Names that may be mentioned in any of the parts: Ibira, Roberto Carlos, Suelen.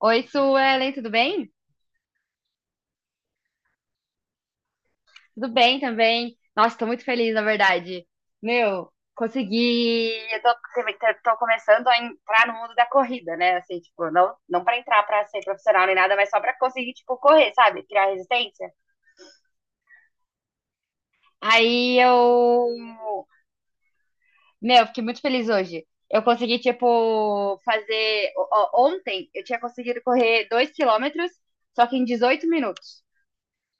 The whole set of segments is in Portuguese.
Oi, Suelen, tudo bem? Tudo bem também. Nossa, tô muito feliz, na verdade. Meu, consegui. Tô começando a entrar no mundo da corrida, né? Assim, tipo, não pra entrar pra ser profissional nem nada, mas só pra conseguir, tipo, correr, sabe? Criar resistência. Aí eu. Meu, fiquei muito feliz hoje. Eu consegui, tipo, fazer. Ó, ontem eu tinha conseguido correr 2 quilômetros, só que em 18 minutos.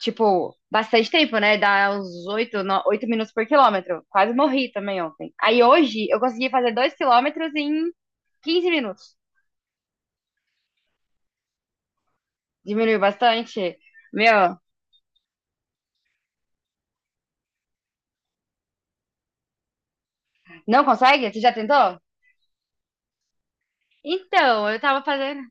Tipo, bastante tempo, né? Dá uns 8, 8 minutos por quilômetro. Quase morri também ontem. Aí hoje eu consegui fazer 2 quilômetros em 15 minutos. Diminuiu bastante. Meu, não consegue? Você já tentou? Então, eu tava fazendo.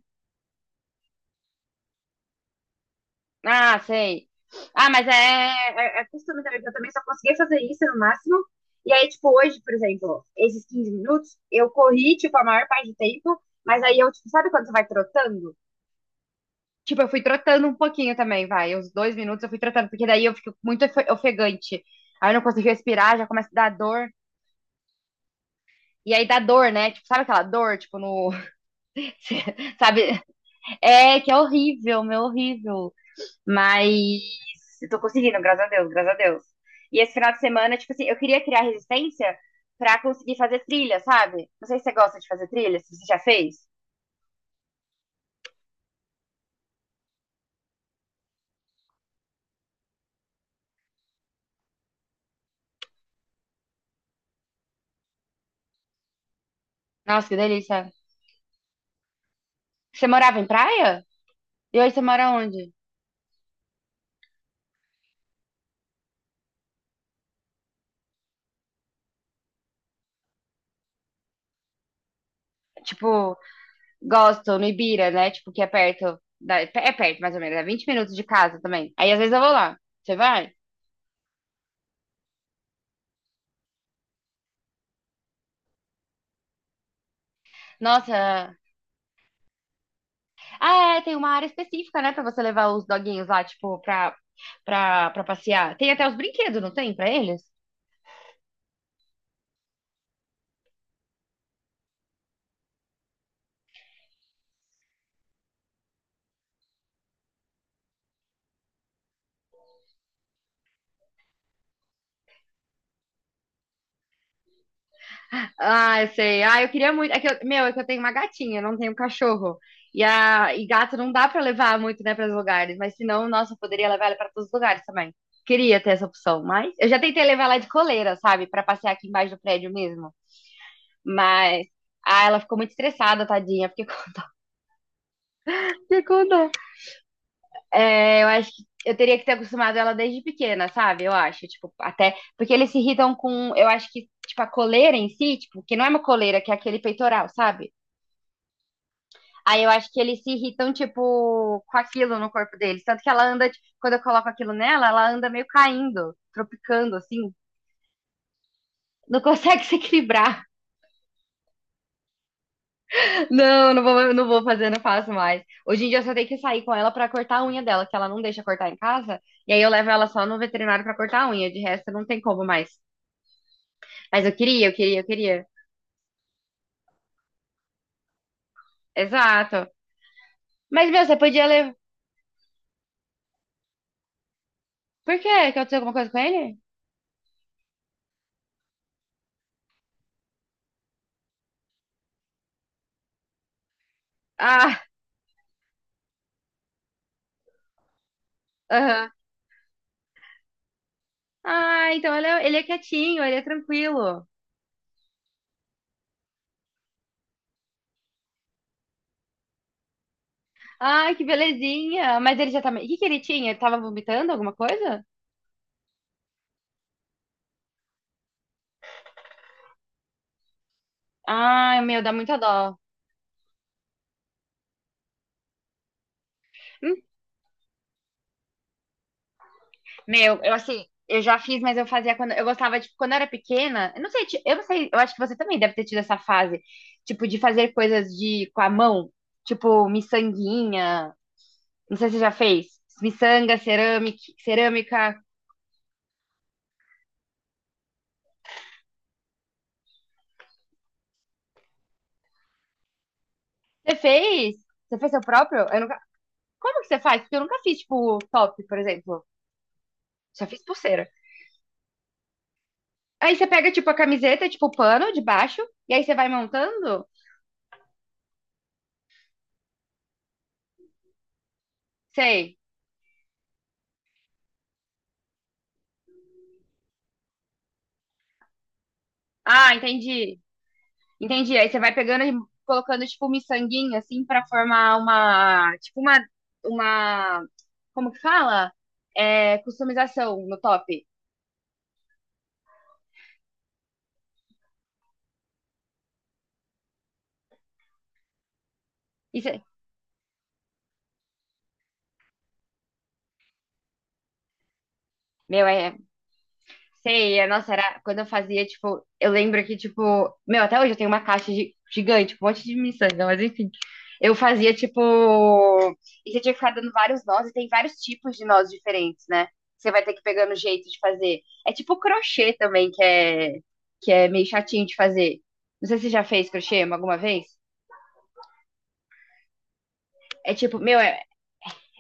Ah, sei. Ah, mas é costume também, que eu também só conseguia fazer isso no máximo. E aí, tipo, hoje, por exemplo, esses 15 minutos, eu corri, tipo, a maior parte do tempo, mas aí eu, tipo, sabe quando você vai trotando? Tipo, eu fui trotando um pouquinho também, vai. Uns 2 minutos eu fui trotando, porque daí eu fico muito ofegante. Aí eu não consigo respirar, já começa a dar dor. E aí dá dor, né? Tipo, sabe aquela dor, tipo, no. Sabe? É, que é horrível, meu, horrível. Mas eu tô conseguindo, graças a Deus, graças a Deus. E esse final de semana, tipo assim, eu queria criar resistência pra conseguir fazer trilha, sabe? Não sei se você gosta de fazer trilha, se você já fez. Nossa, que delícia. Você morava em praia? E hoje você mora onde? Tipo, gosto, no Ibira, né? Tipo, que é perto. É perto, mais ou menos. É 20 minutos de casa também. Aí, às vezes, eu vou lá. Você vai? Nossa. Ah, é, tem uma área específica, né? Pra você levar os doguinhos lá, tipo, pra passear. Tem até os brinquedos, não tem? Pra eles? Ah, eu sei. Ah, eu queria muito. É que meu, é que eu tenho uma gatinha, não tenho um cachorro. E, a, e gato não dá pra levar muito, né, para os lugares. Mas senão, nossa, eu poderia levar ela pra todos os lugares também. Queria ter essa opção, mas eu já tentei levar ela de coleira, sabe? Pra passear aqui embaixo do prédio mesmo. Mas. Ah, ela ficou muito estressada, tadinha. Fiquei com dó. Fiquei com dó. É, eu acho que eu teria que ter acostumado ela desde pequena, sabe? Eu acho, tipo, até. Porque eles se irritam com. Eu acho que, tipo, a coleira em si, tipo, que não é uma coleira, que é aquele peitoral, sabe? Aí eu acho que eles se irritam, tipo, com aquilo no corpo deles. Tanto que ela anda, tipo, quando eu coloco aquilo nela, ela anda meio caindo, tropicando, assim. Não consegue se equilibrar. Não, não vou fazer, não faço mais. Hoje em dia eu só tenho que sair com ela pra cortar a unha dela, que ela não deixa cortar em casa. E aí eu levo ela só no veterinário pra cortar a unha. De resto, não tem como mais. Mas eu queria. Exato. Mas, meu, você podia levar. Por quê? Que aconteceu alguma coisa com ele? Ah, aham. Ah, então ele é quietinho, ele é tranquilo. Ai, que belezinha. Mas ele já tá. O que que ele tinha? Ele tava vomitando alguma coisa? Ai, meu, dá muita dó. Meu, eu assim, eu já fiz, mas eu fazia quando eu gostava, tipo, quando eu era pequena. Eu não sei, eu não sei, eu acho que você também deve ter tido essa fase, tipo, de fazer coisas de com a mão, tipo, miçanguinha. Não sei se você já fez. Miçanga, cerâmica. Você fez? Você fez seu próprio? Eu nunca... Como que você faz? Porque eu nunca fiz, tipo, top, por exemplo. Só fiz pulseira. Aí você pega, tipo, a camiseta, tipo, o pano de baixo, e aí você vai montando? Sei. Ah, entendi. Entendi. Aí você vai pegando e colocando tipo um miçanguinho assim pra formar uma, tipo uma como que fala? É, customização no top. Isso, meu, é. Sei, é, nossa, era quando eu fazia, tipo, eu lembro que, tipo, meu, até hoje eu tenho uma caixa gigante, um monte de miçanga, mas enfim. Eu fazia, tipo, e você tinha que ficar dando vários nós, e tem vários tipos de nós diferentes, né? Você vai ter que pegar no jeito de fazer. É tipo crochê também, que é meio chatinho de fazer. Não sei se você já fez crochê alguma vez. É tipo, meu, é,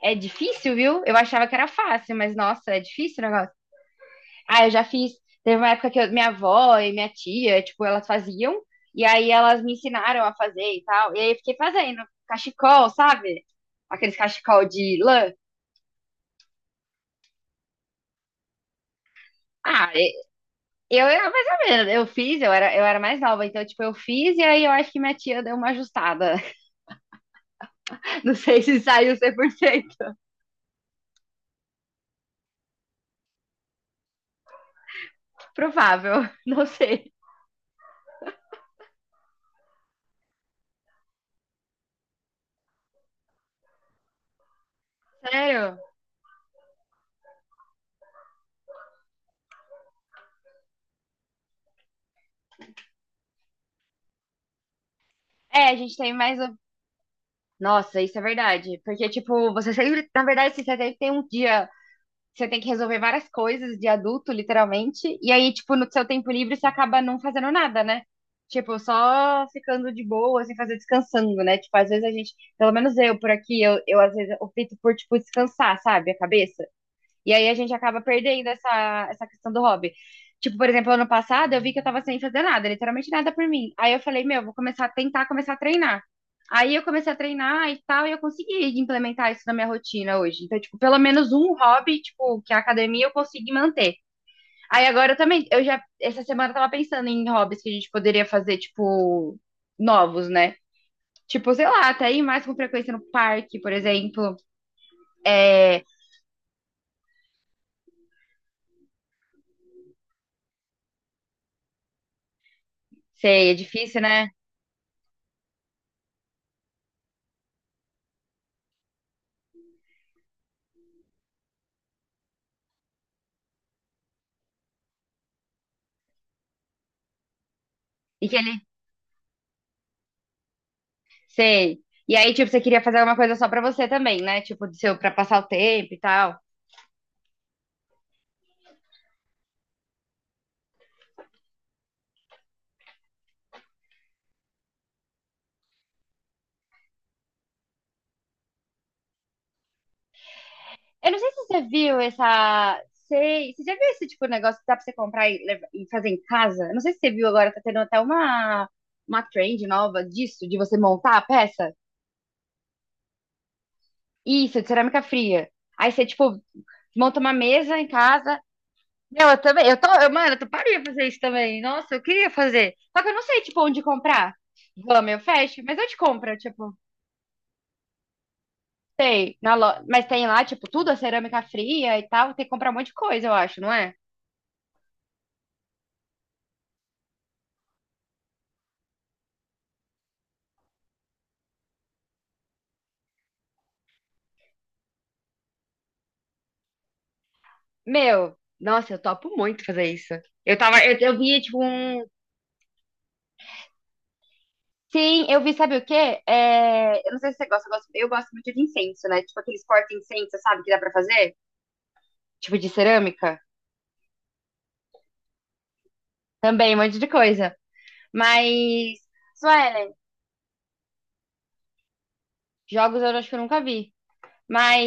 é difícil, viu? Eu achava que era fácil, mas nossa, é difícil o. Ah, eu já fiz. Teve uma época que minha avó e minha tia, tipo, elas faziam, e aí elas me ensinaram a fazer e tal. E aí eu fiquei fazendo cachecol, sabe? Aqueles cachecol de lã. Ah, eu era mais ou menos. Eu fiz, eu era mais nova, então, tipo, eu fiz, e aí eu acho que minha tia deu uma ajustada. Não sei se saiu 100%. Provável, não sei. Sério? É, a gente tem mais. O- Nossa, isso é verdade. Porque, tipo, você sempre, na verdade, você sempre tem um dia você tem que resolver várias coisas de adulto, literalmente. E aí, tipo, no seu tempo livre, você acaba não fazendo nada, né? Tipo, só ficando de boa, sem fazer descansando, né? Tipo, às vezes a gente, pelo menos eu por aqui, eu às vezes opto por, tipo, descansar, sabe? A cabeça. E aí a gente acaba perdendo essa, essa questão do hobby. Tipo, por exemplo, ano passado eu vi que eu tava sem fazer nada, literalmente nada por mim. Aí eu falei, meu, vou começar a tentar começar a treinar. Aí eu comecei a treinar e tal, e eu consegui implementar isso na minha rotina hoje. Então, tipo, pelo menos um hobby, tipo, que é a academia eu consegui manter. Aí agora eu também, essa semana eu tava pensando em hobbies que a gente poderia fazer, tipo, novos, né? Tipo, sei lá, até ir mais com frequência no parque, por exemplo. É, sei, é difícil, né? E que é. Sei. E aí, tipo, você queria fazer alguma coisa só pra você também, né? Tipo, do seu, pra passar o tempo e tal. Eu não sei se você viu essa. Sei. Você já viu esse tipo de negócio que dá pra você comprar e, e fazer em casa? Eu não sei se você viu agora, tá tendo até uma trend nova disso, de você montar a peça. Isso, de cerâmica fria. Aí você, tipo, monta uma mesa em casa. Meu, eu também. Eu tô. Eu, mano, eu tô paria fazer isso também. Nossa, eu queria fazer. Só que eu não sei, tipo, onde comprar. Vamos, eu fecho. Mas eu te compro, tipo. Sei, na lo... mas tem lá, tipo, tudo, a cerâmica fria e tal. Tem que comprar um monte de coisa, eu acho, não é? Meu, nossa, eu topo muito fazer isso. Eu tava, eu vi, tipo, um. Sim, eu vi, sabe o quê? É, eu não sei se você gosta, eu gosto muito de incenso, né? Tipo, aqueles porta-incenso, sabe, que dá pra fazer? Tipo, de cerâmica. Também, um monte de coisa. Mas, Suelen, jogos eu acho que eu nunca vi. Mas,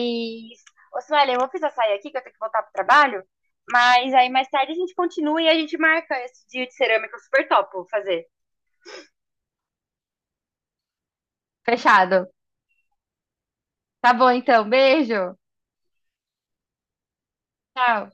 ô Sueli, eu vou precisar sair aqui, que eu tenho que voltar pro trabalho. Mas aí mais tarde a gente continua e a gente marca esse dia de cerâmica super top, vou fazer. Fechado. Tá bom, então. Beijo. Tchau.